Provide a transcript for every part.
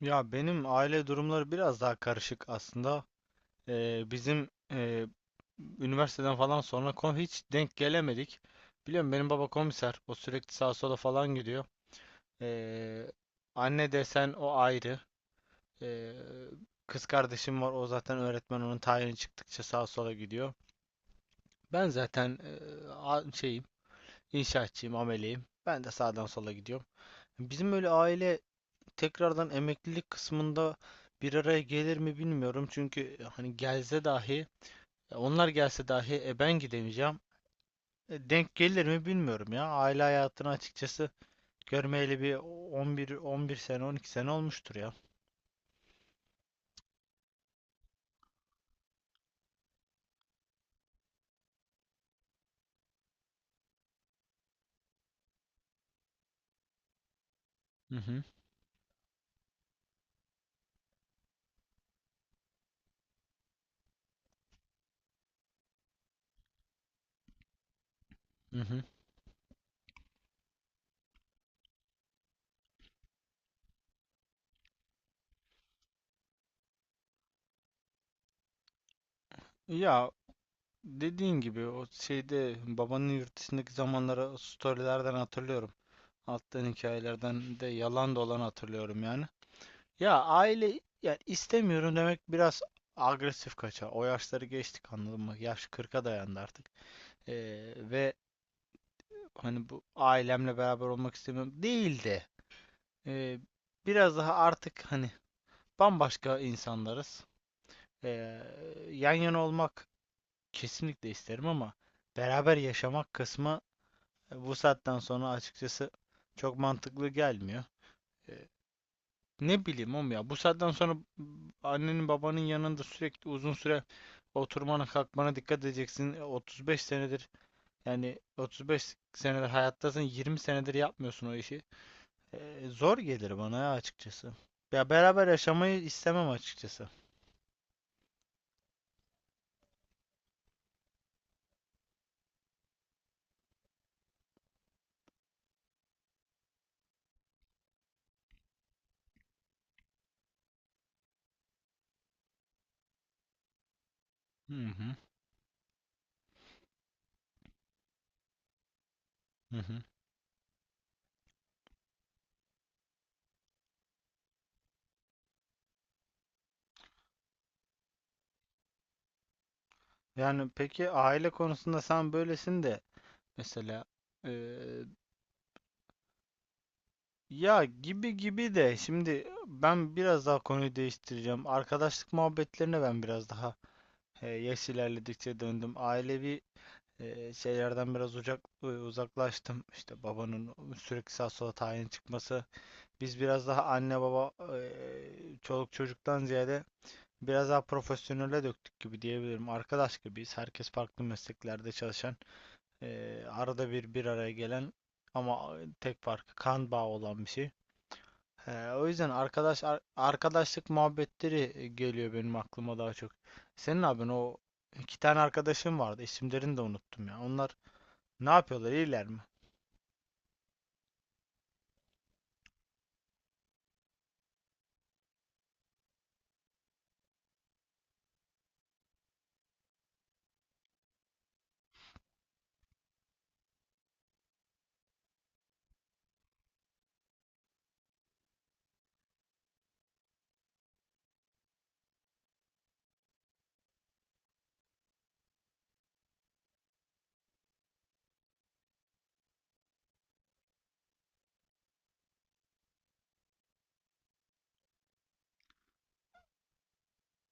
Ya benim aile durumları biraz daha karışık aslında. Bizim üniversiteden falan sonra hiç denk gelemedik. Biliyorum, benim baba komiser. O sürekli sağa sola falan gidiyor. Ee, Anne desen o ayrı. Ee, Kız kardeşim var. O zaten öğretmen. Onun tayini çıktıkça sağa sola gidiyor. Ben zaten şeyim, inşaatçıyım, ameleyim. Ben de sağdan sola gidiyorum. Bizim öyle aile tekrardan emeklilik kısmında bir araya gelir mi bilmiyorum. Çünkü hani gelse dahi, onlar gelse dahi ben gidemeyeceğim. Denk gelir mi bilmiyorum ya. Aile hayatını açıkçası görmeyeli bir 11 sene, 12 sene olmuştur ya. Hı hı. Hı hı. Ya, dediğin gibi o şeyde babanın yurt dışındaki zamanları storylerden hatırlıyorum. Attığın hikayelerden de yalan da olanı hatırlıyorum yani. Ya, aile, yani istemiyorum demek biraz agresif kaçar. O yaşları geçtik, anladın mı? Yaş 40'a dayandı artık. Ve hani bu ailemle beraber olmak istemiyorum değil de, ee, biraz daha artık, hani, bambaşka insanlarız. Ee, Yan yana olmak kesinlikle isterim ama beraber yaşamak kısmı, bu saatten sonra açıkçası çok mantıklı gelmiyor. Ee, Ne bileyim oğlum ya. Bu saatten sonra annenin babanın yanında sürekli uzun süre oturmana kalkmana dikkat edeceksin. 35 senedir, yani 35 senedir hayattasın, 20 senedir yapmıyorsun o işi. Zor gelir bana ya açıkçası. Ya, beraber yaşamayı istemem açıkçası. Hı hı. Hı hı. Yani, peki, aile konusunda sen böylesin de mesela, e, ya, gibi gibi de, şimdi ben biraz daha konuyu değiştireceğim. Arkadaşlık muhabbetlerine ben biraz daha, yaş ilerledikçe döndüm. Ailevi şeylerden biraz uzak, uzaklaştım. İşte babanın sürekli sağ sola tayin çıkması. Biz biraz daha anne baba e, çoluk çocuktan ziyade biraz daha profesyonele döktük gibi diyebilirim. Arkadaş gibiyiz. Herkes farklı mesleklerde çalışan, arada bir bir araya gelen, ama tek farkı kan bağı olan bir şey. O yüzden arkadaşlık muhabbetleri geliyor benim aklıma daha çok. Senin abin, o iki tane arkadaşım vardı. İsimlerini de unuttum ya. Onlar ne yapıyorlar? İyiler mi?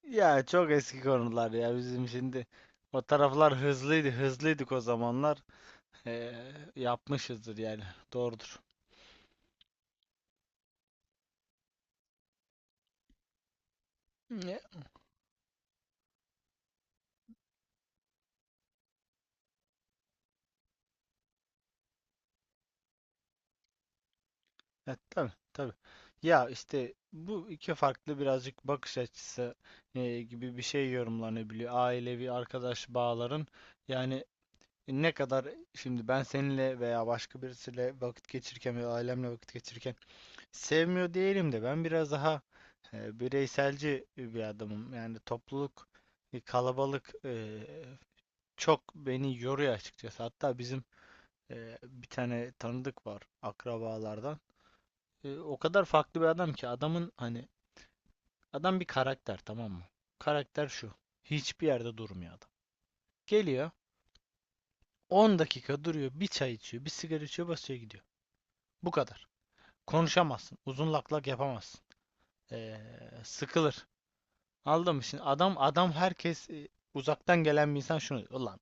Ya çok eski konular ya, bizim şimdi o taraflar hızlıydı, hızlıydık o zamanlar. Ee, Yapmışızdır yani, doğrudur. Ya. Evet, tabii tabii. Ya, işte bu iki farklı birazcık bakış açısı gibi bir şey yorumlanabiliyor. Ailevi arkadaş bağların, yani ne kadar, şimdi ben seninle veya başka birisiyle vakit geçirirken veya ailemle vakit geçirirken sevmiyor diyelim de, ben biraz daha bireyselci bir adamım. Yani topluluk, kalabalık çok beni yoruyor açıkçası. Hatta bizim bir tane tanıdık var akrabalardan. O kadar farklı bir adam ki, adamın, hani, adam bir karakter, tamam mı? Karakter şu: hiçbir yerde durmuyor adam. Geliyor, 10 dakika duruyor, bir çay içiyor, bir sigara içiyor, basıyor gidiyor. Bu kadar. Konuşamazsın. Uzun lak lak yapamazsın. Ee, Sıkılır. Anladın mı? Şimdi adam, adam, herkes, uzaktan gelen bir insan şunu diyor: ulan,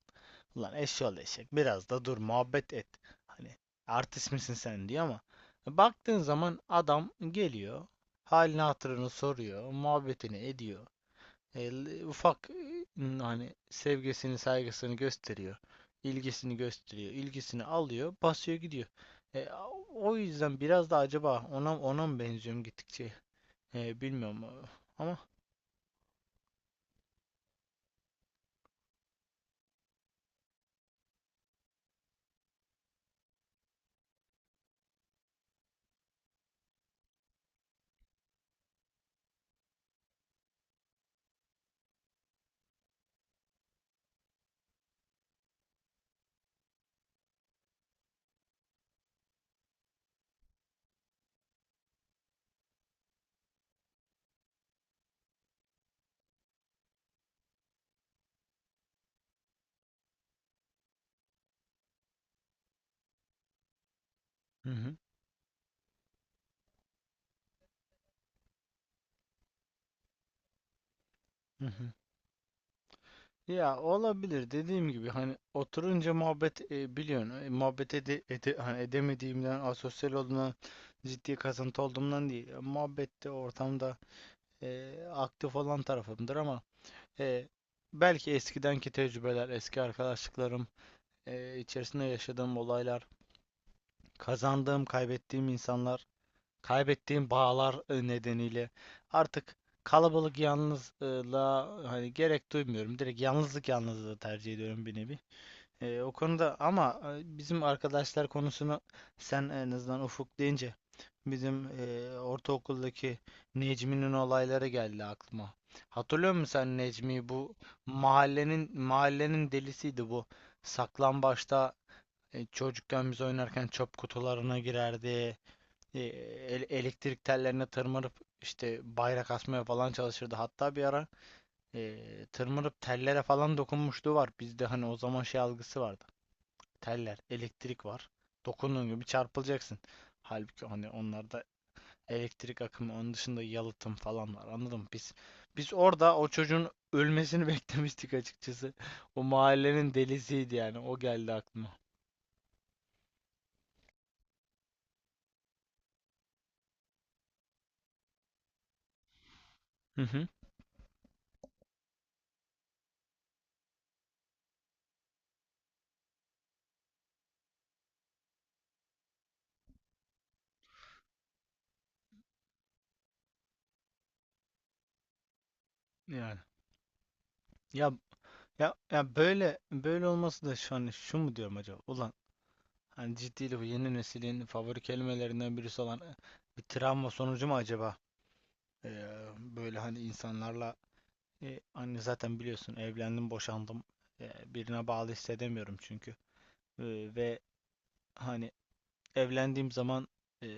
eşşoğlu eşek, biraz da dur, muhabbet et. Hani, artist misin sen, diyor ama baktığın zaman adam geliyor, halini hatırını soruyor, muhabbetini ediyor, ufak, hani, sevgisini saygısını gösteriyor, ilgisini gösteriyor, ilgisini alıyor, basıyor gidiyor. E, O yüzden biraz da, acaba ona mı benziyorum gittikçe? Bilmiyorum ama. Hı hı. Hı hı. Ya olabilir, dediğim gibi, hani oturunca muhabbet, biliyorsun, hani edemediğimden, asosyal olduğumdan, ciddi kasıntı olduğumdan değil. Muhabbette, ortamda aktif olan tarafımdır ama, E, belki eskidenki tecrübeler, eski arkadaşlıklarım, içerisinde yaşadığım olaylar, kazandığım, kaybettiğim insanlar, kaybettiğim bağlar nedeniyle artık kalabalık yalnızlığa hani gerek duymuyorum. Direkt yalnızlık, yalnızlığı tercih ediyorum bir nevi. O konuda ama, bizim arkadaşlar konusunu sen en azından Ufuk deyince, bizim ortaokuldaki Necmi'nin olayları geldi aklıma. Hatırlıyor musun sen Necmi'yi? Bu mahallenin delisiydi bu. Saklambaçta, çocukken biz oynarken çöp kutularına girerdi. E, elektrik tellerine tırmanıp işte bayrak asmaya falan çalışırdı. Hatta bir ara tırmanıp tellere falan dokunmuşluğu var. Bizde hani o zaman şey algısı vardı: teller, elektrik var, dokunduğun gibi çarpılacaksın. Halbuki hani onlarda elektrik akımı, onun dışında yalıtım falan var. Anladın mı? Biz orada o çocuğun ölmesini beklemiştik açıkçası. O mahallenin delisiydi yani. O geldi aklıma. Hı hı. Yani. Ya ya, böyle böyle olması da, şu an şu mu diyorum acaba: ulan, hani, ciddiyle, bu yeni neslin favori kelimelerinden birisi olan bir travma sonucu mu acaba? Böyle hani insanlarla, hani zaten biliyorsun, evlendim, boşandım. Birine bağlı hissedemiyorum çünkü. Ee, ve hani evlendiğim zaman, e,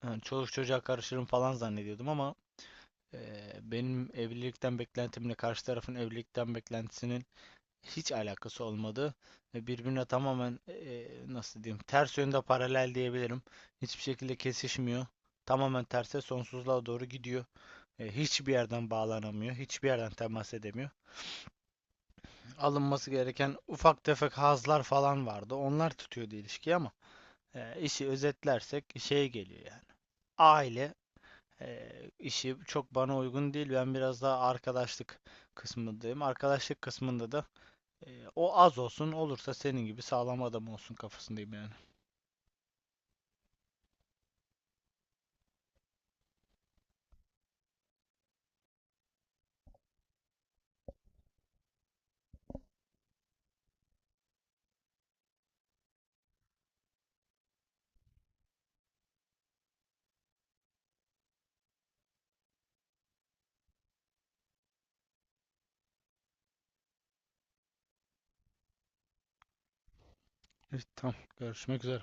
hani çoluk çocuğa karışırım falan zannediyordum ama, e, benim evlilikten beklentimle karşı tarafın evlilikten beklentisinin hiç alakası olmadı. Ve birbirine tamamen, nasıl diyeyim, ters yönde paralel diyebilirim. Hiçbir şekilde kesişmiyor. Tamamen terse, sonsuzluğa doğru gidiyor. Hiçbir yerden bağlanamıyor, hiçbir yerden temas edemiyor. Alınması gereken ufak tefek hazlar falan vardı. Onlar tutuyordu ilişkiyi ama, işi özetlersek şeye geliyor yani. Aile e, işi çok bana uygun değil. Ben biraz daha arkadaşlık kısmındayım. Arkadaşlık kısmında da o az olsun, olursa senin gibi sağlam adam olsun kafasındayım yani. Evet, tamam, görüşmek üzere.